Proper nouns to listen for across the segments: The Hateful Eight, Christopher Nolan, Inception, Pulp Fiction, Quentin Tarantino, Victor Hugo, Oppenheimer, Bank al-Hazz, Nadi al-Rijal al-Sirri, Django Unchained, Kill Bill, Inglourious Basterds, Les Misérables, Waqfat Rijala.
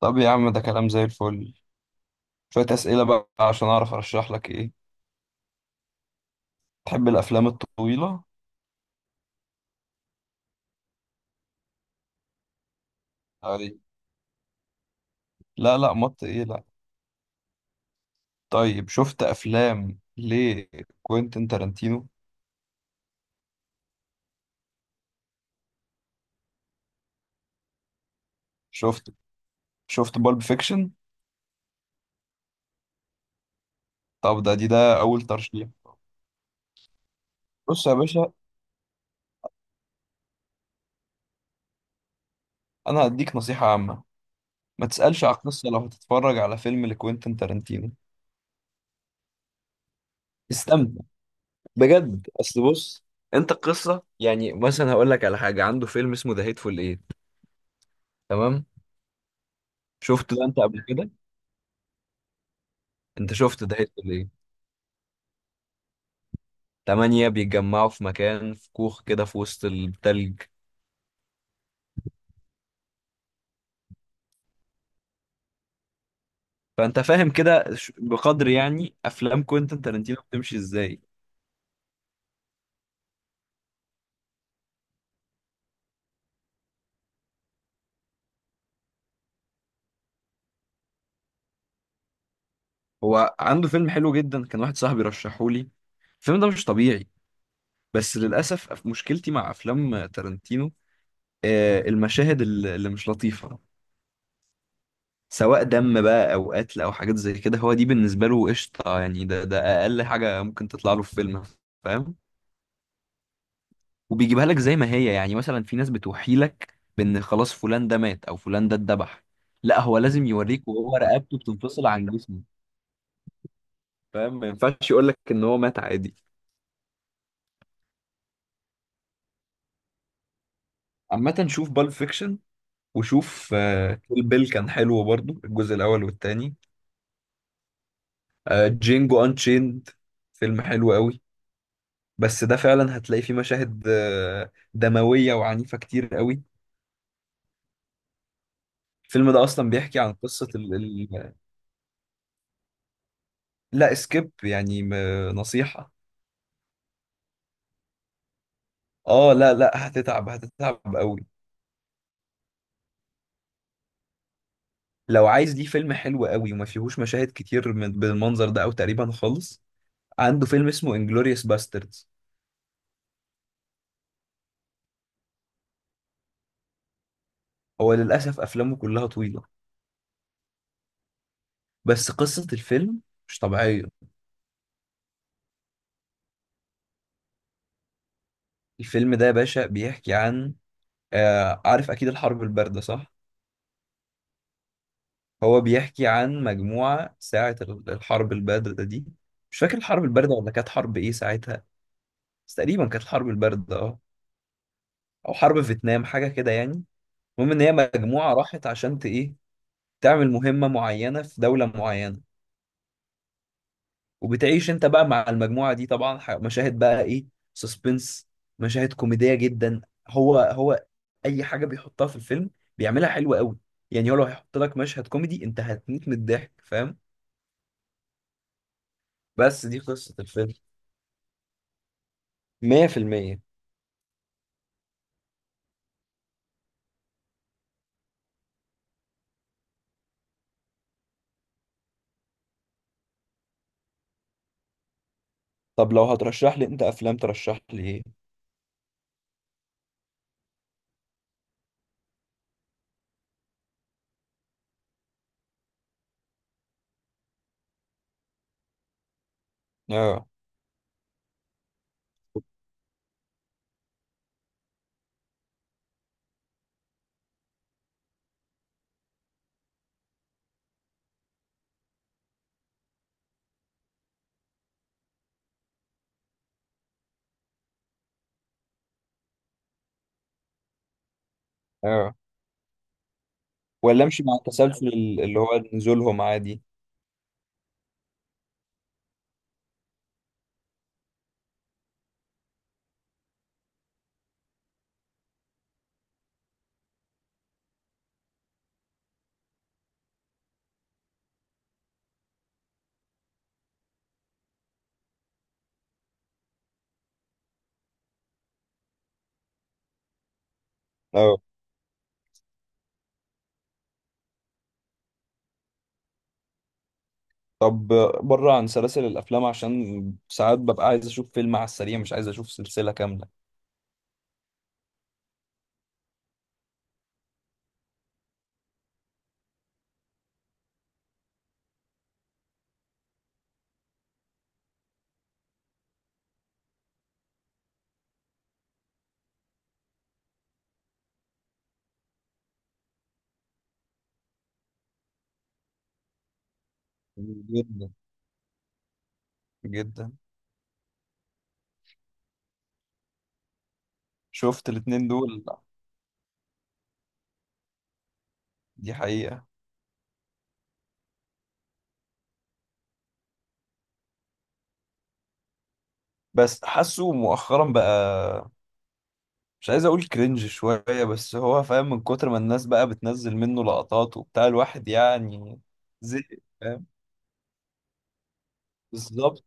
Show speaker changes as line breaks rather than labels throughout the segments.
طب يا عم، ده كلام زي الفل. شوية أسئلة بقى عشان أعرف أرشح لك إيه. تحب الأفلام الطويلة؟ أي. لا لا، مط إيه؟ لا. طيب شفت أفلام لكوينتين تارانتينو؟ شفت شفت بالب فيكشن؟ طب ده أول ترشيح. بص يا باشا، أنا هديك نصيحة عامة. ما تسألش على القصة لو هتتفرج على فيلم لكوينتين تارانتينو، استمتع بجد. أصل بص، انت القصة، يعني مثلا هقول لك على حاجة. عنده فيلم اسمه ذا هيتفول ايت، تمام؟ شفته ده انت قبل كده. انت شفت، ده هيحصل ايه؟ تمانية بيتجمعوا في مكان، في كوخ كده في وسط التلج. فانت فاهم كده، بقدر يعني افلام كوينتن تارانتينو بتمشي ازاي. هو عنده فيلم حلو جدا، كان واحد صاحبي رشحه لي. الفيلم ده مش طبيعي. بس للاسف مشكلتي مع افلام تارانتينو، المشاهد اللي مش لطيفة. سواء دم بقى او قتل او حاجات زي كده، هو دي بالنسبة له قشطة. يعني ده اقل حاجة ممكن تطلع له في فيلم، فاهم؟ وبيجيبها لك زي ما هي. يعني مثلا في ناس بتوحي لك بان خلاص فلان ده مات او فلان ده اتذبح. لا، هو لازم يوريك وهو رقبته بتنفصل عن جسمه، فاهم؟ ما ينفعش يقول لك ان هو مات عادي. عامة شوف بالب فيكشن، وشوف. كيل بيل كان حلو برضو، الجزء الاول والتاني. جينجو انشيند فيلم حلو قوي. بس ده فعلا هتلاقي فيه مشاهد دموية وعنيفة كتير قوي. الفيلم ده اصلا بيحكي عن قصة لا سكيب يعني، نصيحة. اه لا لا، هتتعب، هتتعب قوي. لو عايز ليه فيلم حلو قوي وما فيهوش مشاهد كتير من بالمنظر ده او تقريبا خالص، عنده فيلم اسمه انجلوريوس باستردز. هو للاسف افلامه كلها طويله، بس قصه الفيلم مش طبيعيه. الفيلم ده يا باشا بيحكي عن، آه، عارف اكيد الحرب البارده، صح؟ هو بيحكي عن مجموعه ساعه الحرب البارده دي. مش فاكر الحرب البارده ولا كانت حرب ايه ساعتها، بس تقريبا كانت الحرب البارده اه، او حرب فيتنام، حاجه كده يعني. المهم ان هي مجموعه راحت عشان ايه، تعمل مهمة معينة في دولة معينة. وبتعيش انت بقى مع المجموعة دي طبعا، مشاهد بقى ايه، سسبنس، مشاهد كوميدية جدا. هو اي حاجة بيحطها في الفيلم بيعملها حلوة قوي. يعني هو لو هيحط لك مشهد كوميدي، انت هتموت من الضحك، فاهم؟ بس دي قصة الفيلم. 100%. طب لو هترشح لي انت افلام، ترشح لي ايه؟ اه اه. ولا امشي مع التسلسل اللي هو نزولهم عادي؟ اه. طب بره عن سلاسل الافلام عشان ساعات ببقى عايز اشوف فيلم على السريع، مش عايز اشوف سلسله كامله. جدا جدا. شفت الاتنين دول؟ دي حقيقه. بس حاسه مؤخرا بقى، مش عايز اقول كرنج شويه، بس هو فاهم، من كتر ما الناس بقى بتنزل منه لقطات وبتاع الواحد يعني. زي، فاهم، بالظبط.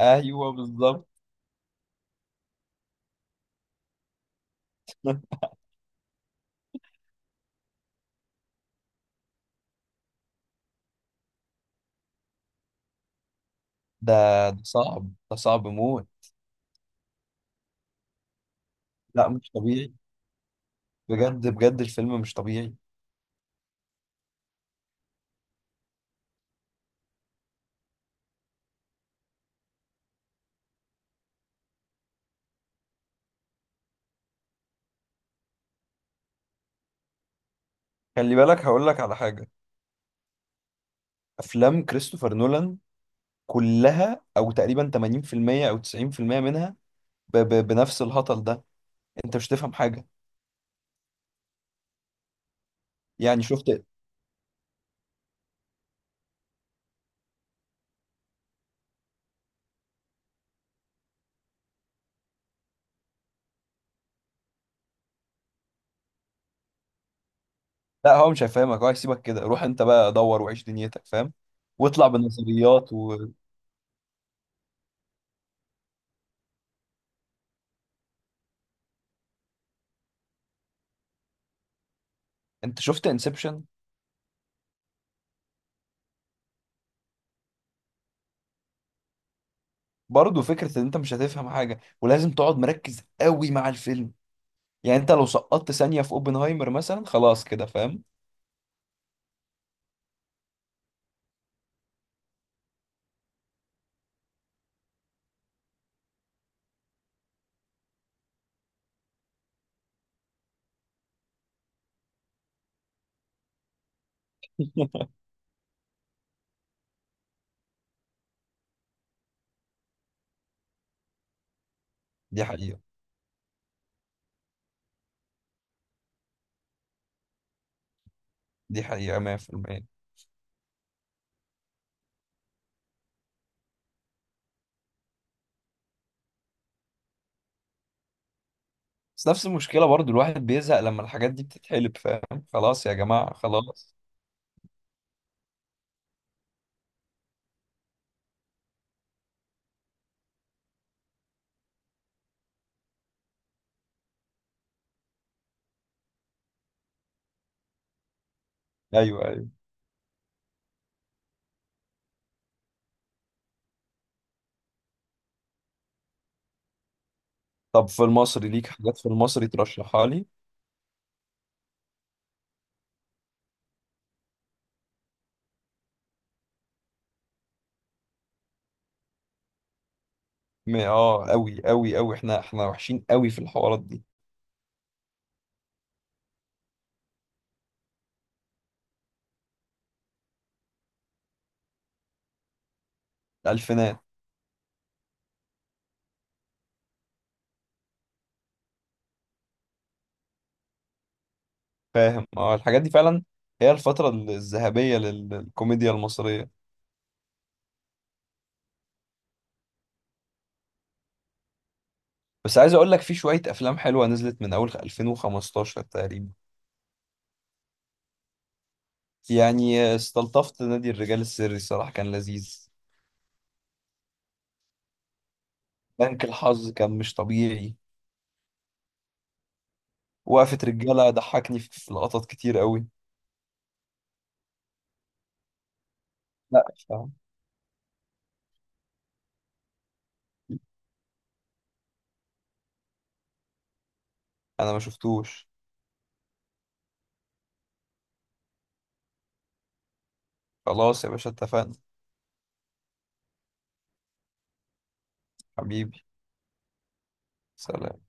ايوه بالظبط. ده صعب، ده صعب موت. لا مش طبيعي، بجد بجد الفيلم مش طبيعي. خلي بالك هقول لك على حاجه. افلام كريستوفر نولان كلها او تقريبا 80% او 90% منها ب ب بنفس الهطل ده، انت مش تفهم حاجه. يعني شفت؟ لا هو مش هيفهمك، هو هيسيبك كده، روح انت بقى دور وعيش دنيتك، فاهم؟ واطلع بنظريات وانت. شفت انسبشن؟ برضه فكره ان انت مش هتفهم حاجه ولازم تقعد مركز قوي مع الفيلم. يعني انت لو سقطت ثانيه في اوبنهايمر مثلا خلاص كده، فاهم؟ دي حقيقه، دي حقيقه 100%. بس نفس المشكلة برضو الواحد بيزهق لما الحاجات دي بتتحلب، فاهم؟ خلاص يا جماعة خلاص. أيوه أيوه. طب في المصري ليك حاجات في المصري ترشحها لي؟ اه أوي أوي أوي، احنا وحشين أوي في الحوارات دي. الألفينات. فاهم، اه الحاجات دي فعلا هي الفترة الذهبية للكوميديا المصرية. بس عايز أقول لك في شوية أفلام حلوة نزلت من أول 2015 تقريبا. يعني استلطفت نادي الرجال السري، الصراحة كان لذيذ. بنك الحظ كان مش طبيعي. وقفة رجالة ضحكني في لقطات كتير قوي. لا ف- انا ما شفتوش. خلاص يا باشا، اتفقنا. حبيبي سلام.